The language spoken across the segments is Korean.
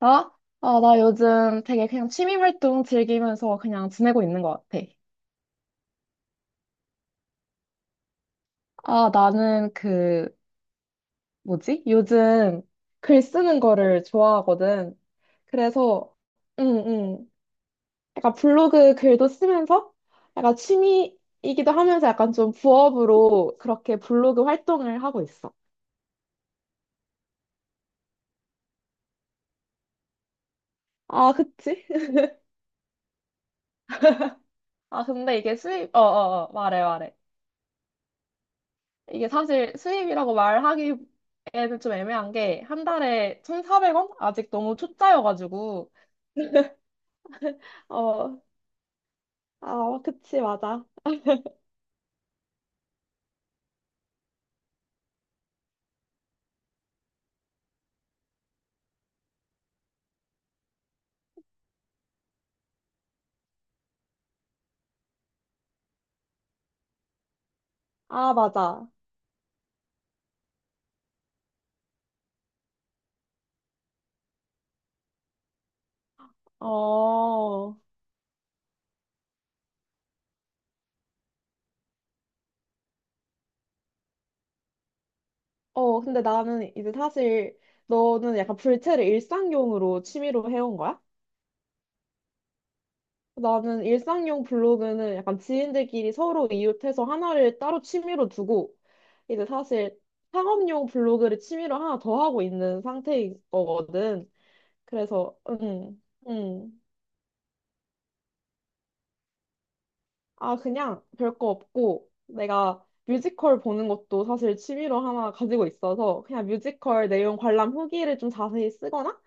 아, 나 요즘 되게 그냥 취미 활동 즐기면서 그냥 지내고 있는 것 같아. 나는 뭐지? 요즘 글 쓰는 거를 좋아하거든. 그래서, 응, 응. 약간 블로그 글도 쓰면서 약간 취미이기도 하면서 약간 좀 부업으로 그렇게 블로그 활동을 하고 있어. 아, 그치? 아, 근데 이게 수입, 말해, 말해. 이게 사실 수입이라고 말하기에는 좀 애매한 게 한 달에 1,400원? 아직 너무 초짜여가지고. 어, 아, 그치, 맞아. 아, 맞아. 어, 근데 나는 이제 사실 너는 약간 불체를 일상용으로 취미로 해온 거야? 나는 일상용 블로그는 약간 지인들끼리 서로 이웃해서 하나를 따로 취미로 두고 이제 사실 상업용 블로그를 취미로 하나 더 하고 있는 상태인 거거든. 그래서 음. 그냥 별거 없고 내가 뮤지컬 보는 것도 사실 취미로 하나 가지고 있어서 그냥 뮤지컬 내용 관람 후기를 좀 자세히 쓰거나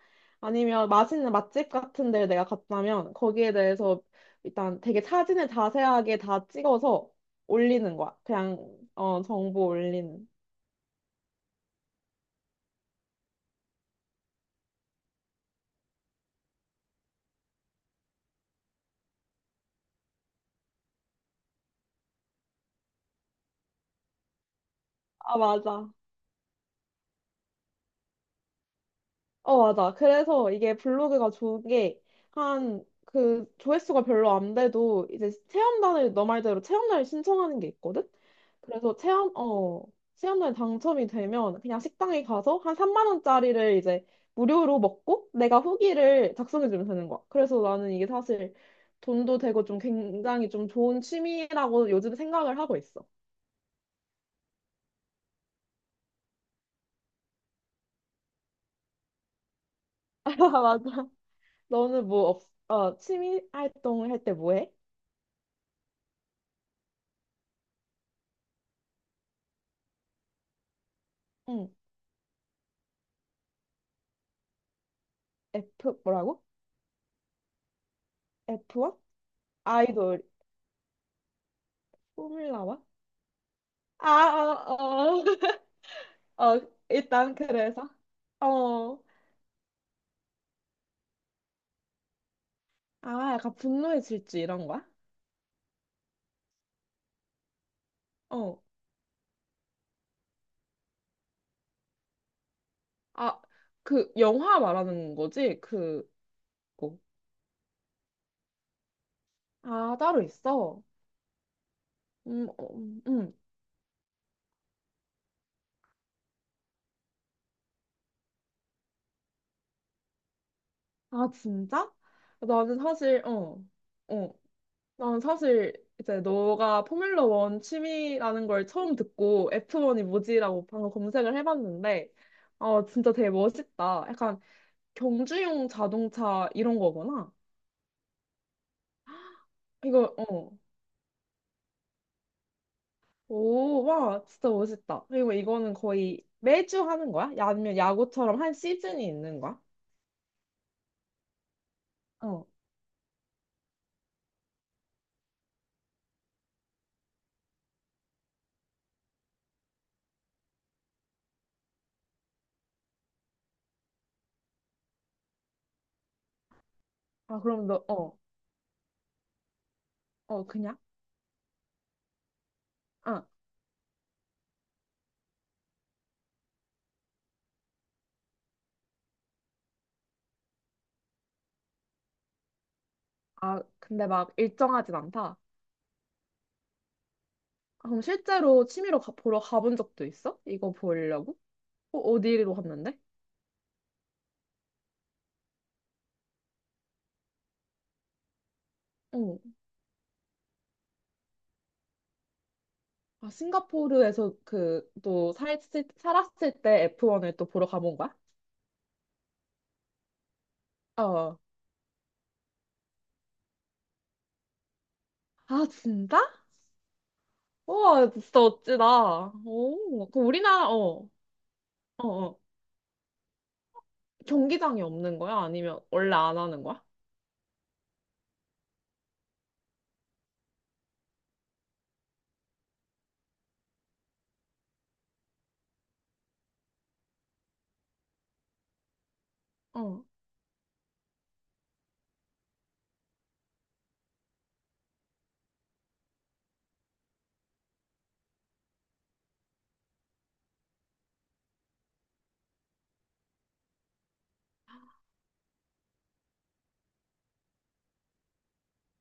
아니면 맛있는 맛집 같은 데를 내가 갔다면 거기에 대해서 일단 되게 사진을 자세하게 다 찍어서 올리는 거야. 그냥 정보 올리는. 아, 맞아. 어, 맞아. 그래서 이게 블로그가 좋은 게, 조회수가 별로 안 돼도, 이제 체험단을, 너 말대로 체험단을 신청하는 게 있거든? 그래서 체험단에 당첨이 되면, 그냥 식당에 가서 한 3만원짜리를 이제 무료로 먹고, 내가 후기를 작성해주면 되는 거야. 그래서 나는 이게 사실 돈도 되고 좀 굉장히 좀 좋은 취미라고 요즘 생각을 하고 있어. 맞아. 너는 취미 활동을 할 때 뭐 해? 응, 뭐라고? F1? 아이돌, 포뮬라와? 아, 어... 어, 어, 일단 그래서, 어, 아, 약간 분노의 질주 이런 거야? 어, 아, 그 영화 말하는 거지? 그거. 아, 따로 있어. 어, 아, 진짜? 나는 사실, 어, 어, 난 사실 이제 너가 포뮬러 원 취미라는 걸 처음 듣고 F1이 뭐지라고 방금 검색을 해봤는데, 진짜 되게 멋있다. 약간 경주용 자동차 이런 거구나. 이거, 어. 오, 와, 진짜 멋있다. 그리고 이거는 거의 매주 하는 거야? 아니면 야구처럼 한 시즌이 있는 거야? 어. 아, 그럼 너, 그냥? 아, 아, 근데 막 일정하진 않다. 아, 그럼 실제로 취미로 보러 가본 적도 있어? 이거 보려고? 어, 어디로 갔는데? 어. 아, 싱가포르에서 살았을 때 F1을 또 보러 가본 거야? 어. 아, 진짜? 우와, 진짜 어찌다. 오, 그 우리나라, 어, 어. 경기장이 없는 거야? 아니면 원래 안 하는 거야? 어.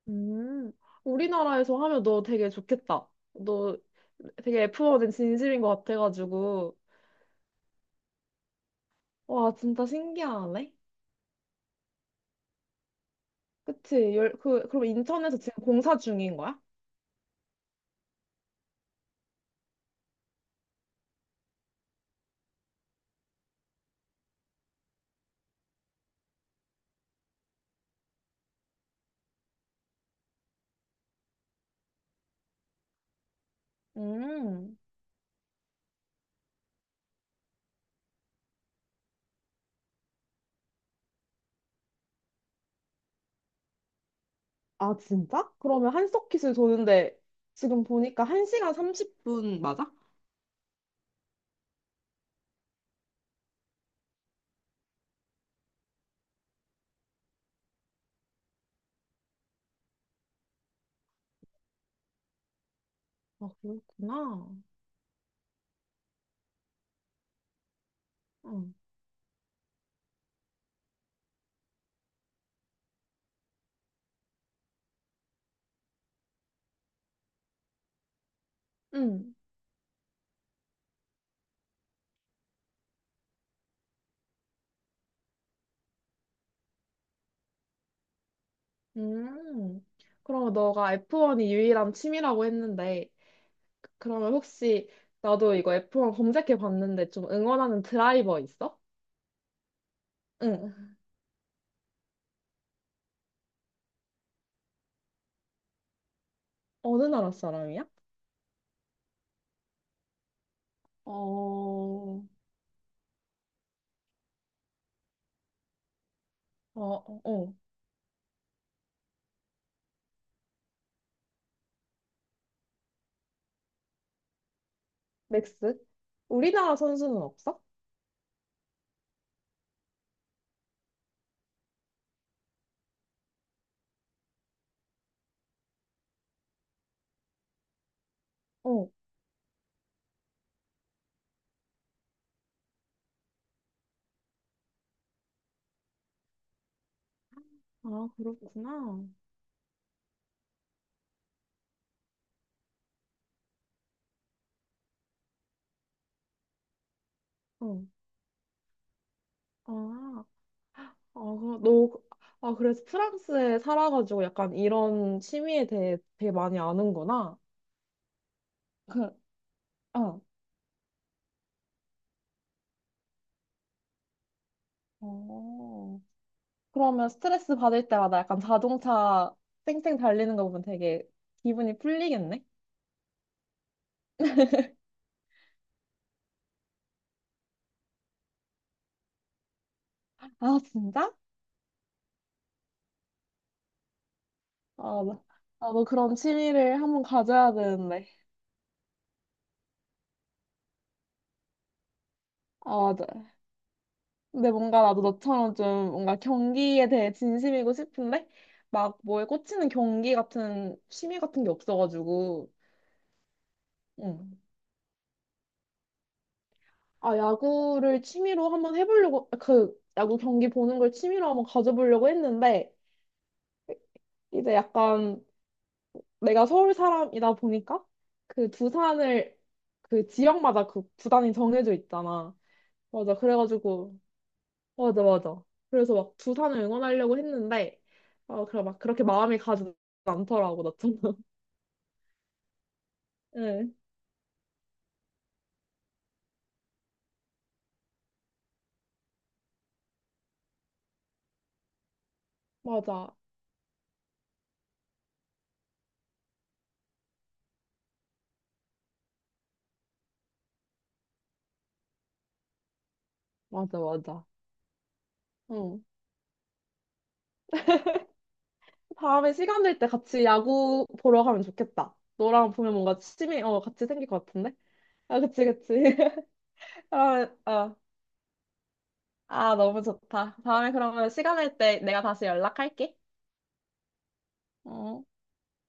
음, 우리나라에서 하면 너 되게 좋겠다. 너 되게 F1은 진심인 것 같아가지고. 와, 진짜 신기하네. 그치? 그럼 인천에서 지금 공사 중인 거야? 음. 아, 진짜? 그러면 한 서킷을 도는데 지금 보니까 1시간 30분 맞아? 아, 그렇구나. 응. 응. 음. 그러면 너가 F1이 유일한 취미라고 했는데 그러면 혹시 나도 이거 F1 검색해 봤는데 좀 응원하는 드라이버 있어? 응. 어느 나라 사람이야? 어, 어, 어, 어. 맥스? 우리나라 선수는 없어? 어. 아, 그렇구나. 어. 아. 아, 그래서 프랑스에 살아가지고 약간 이런 취미에 대해 되게 많이 아는구나. 그, 어. 어. 그러면 스트레스 받을 때마다 약간 자동차 쌩쌩 달리는 거 보면 되게 기분이 풀리겠네? 아, 진짜? 아, 나- 너 그런 취미를 한번 가져야 되는데. 아, 맞아. 근데 뭔가 나도 너처럼 좀 뭔가 경기에 대해 진심이고 싶은데 막 뭐에 꽂히는 경기 같은 취미 같은 게 없어가지고. 응. 아, 야구를 취미로 한번 해보려고, 야구 경기 보는 걸 취미로 한번 가져보려고 했는데, 이제 약간 내가 서울 사람이다 보니까, 그 두산을, 그 지역마다 그 구단이 정해져 있잖아. 맞아. 그래가지고, 맞아, 맞아. 그래서 막 두산을 응원하려고 했는데, 그래, 막 그렇게 마음이 가지 않더라고, 나처럼. 응, 맞아. 맞아, 맞아. 응. 다음에 시간 될 때 같이 야구 보러 가면 좋겠다. 너랑 보면 뭔가 취미, 같이 생길 것 같은데? 아, 그치, 그치. 그러면, 아, 너무 좋다. 다음에 그러면 시간 날 때 내가 다시 연락할게. 어.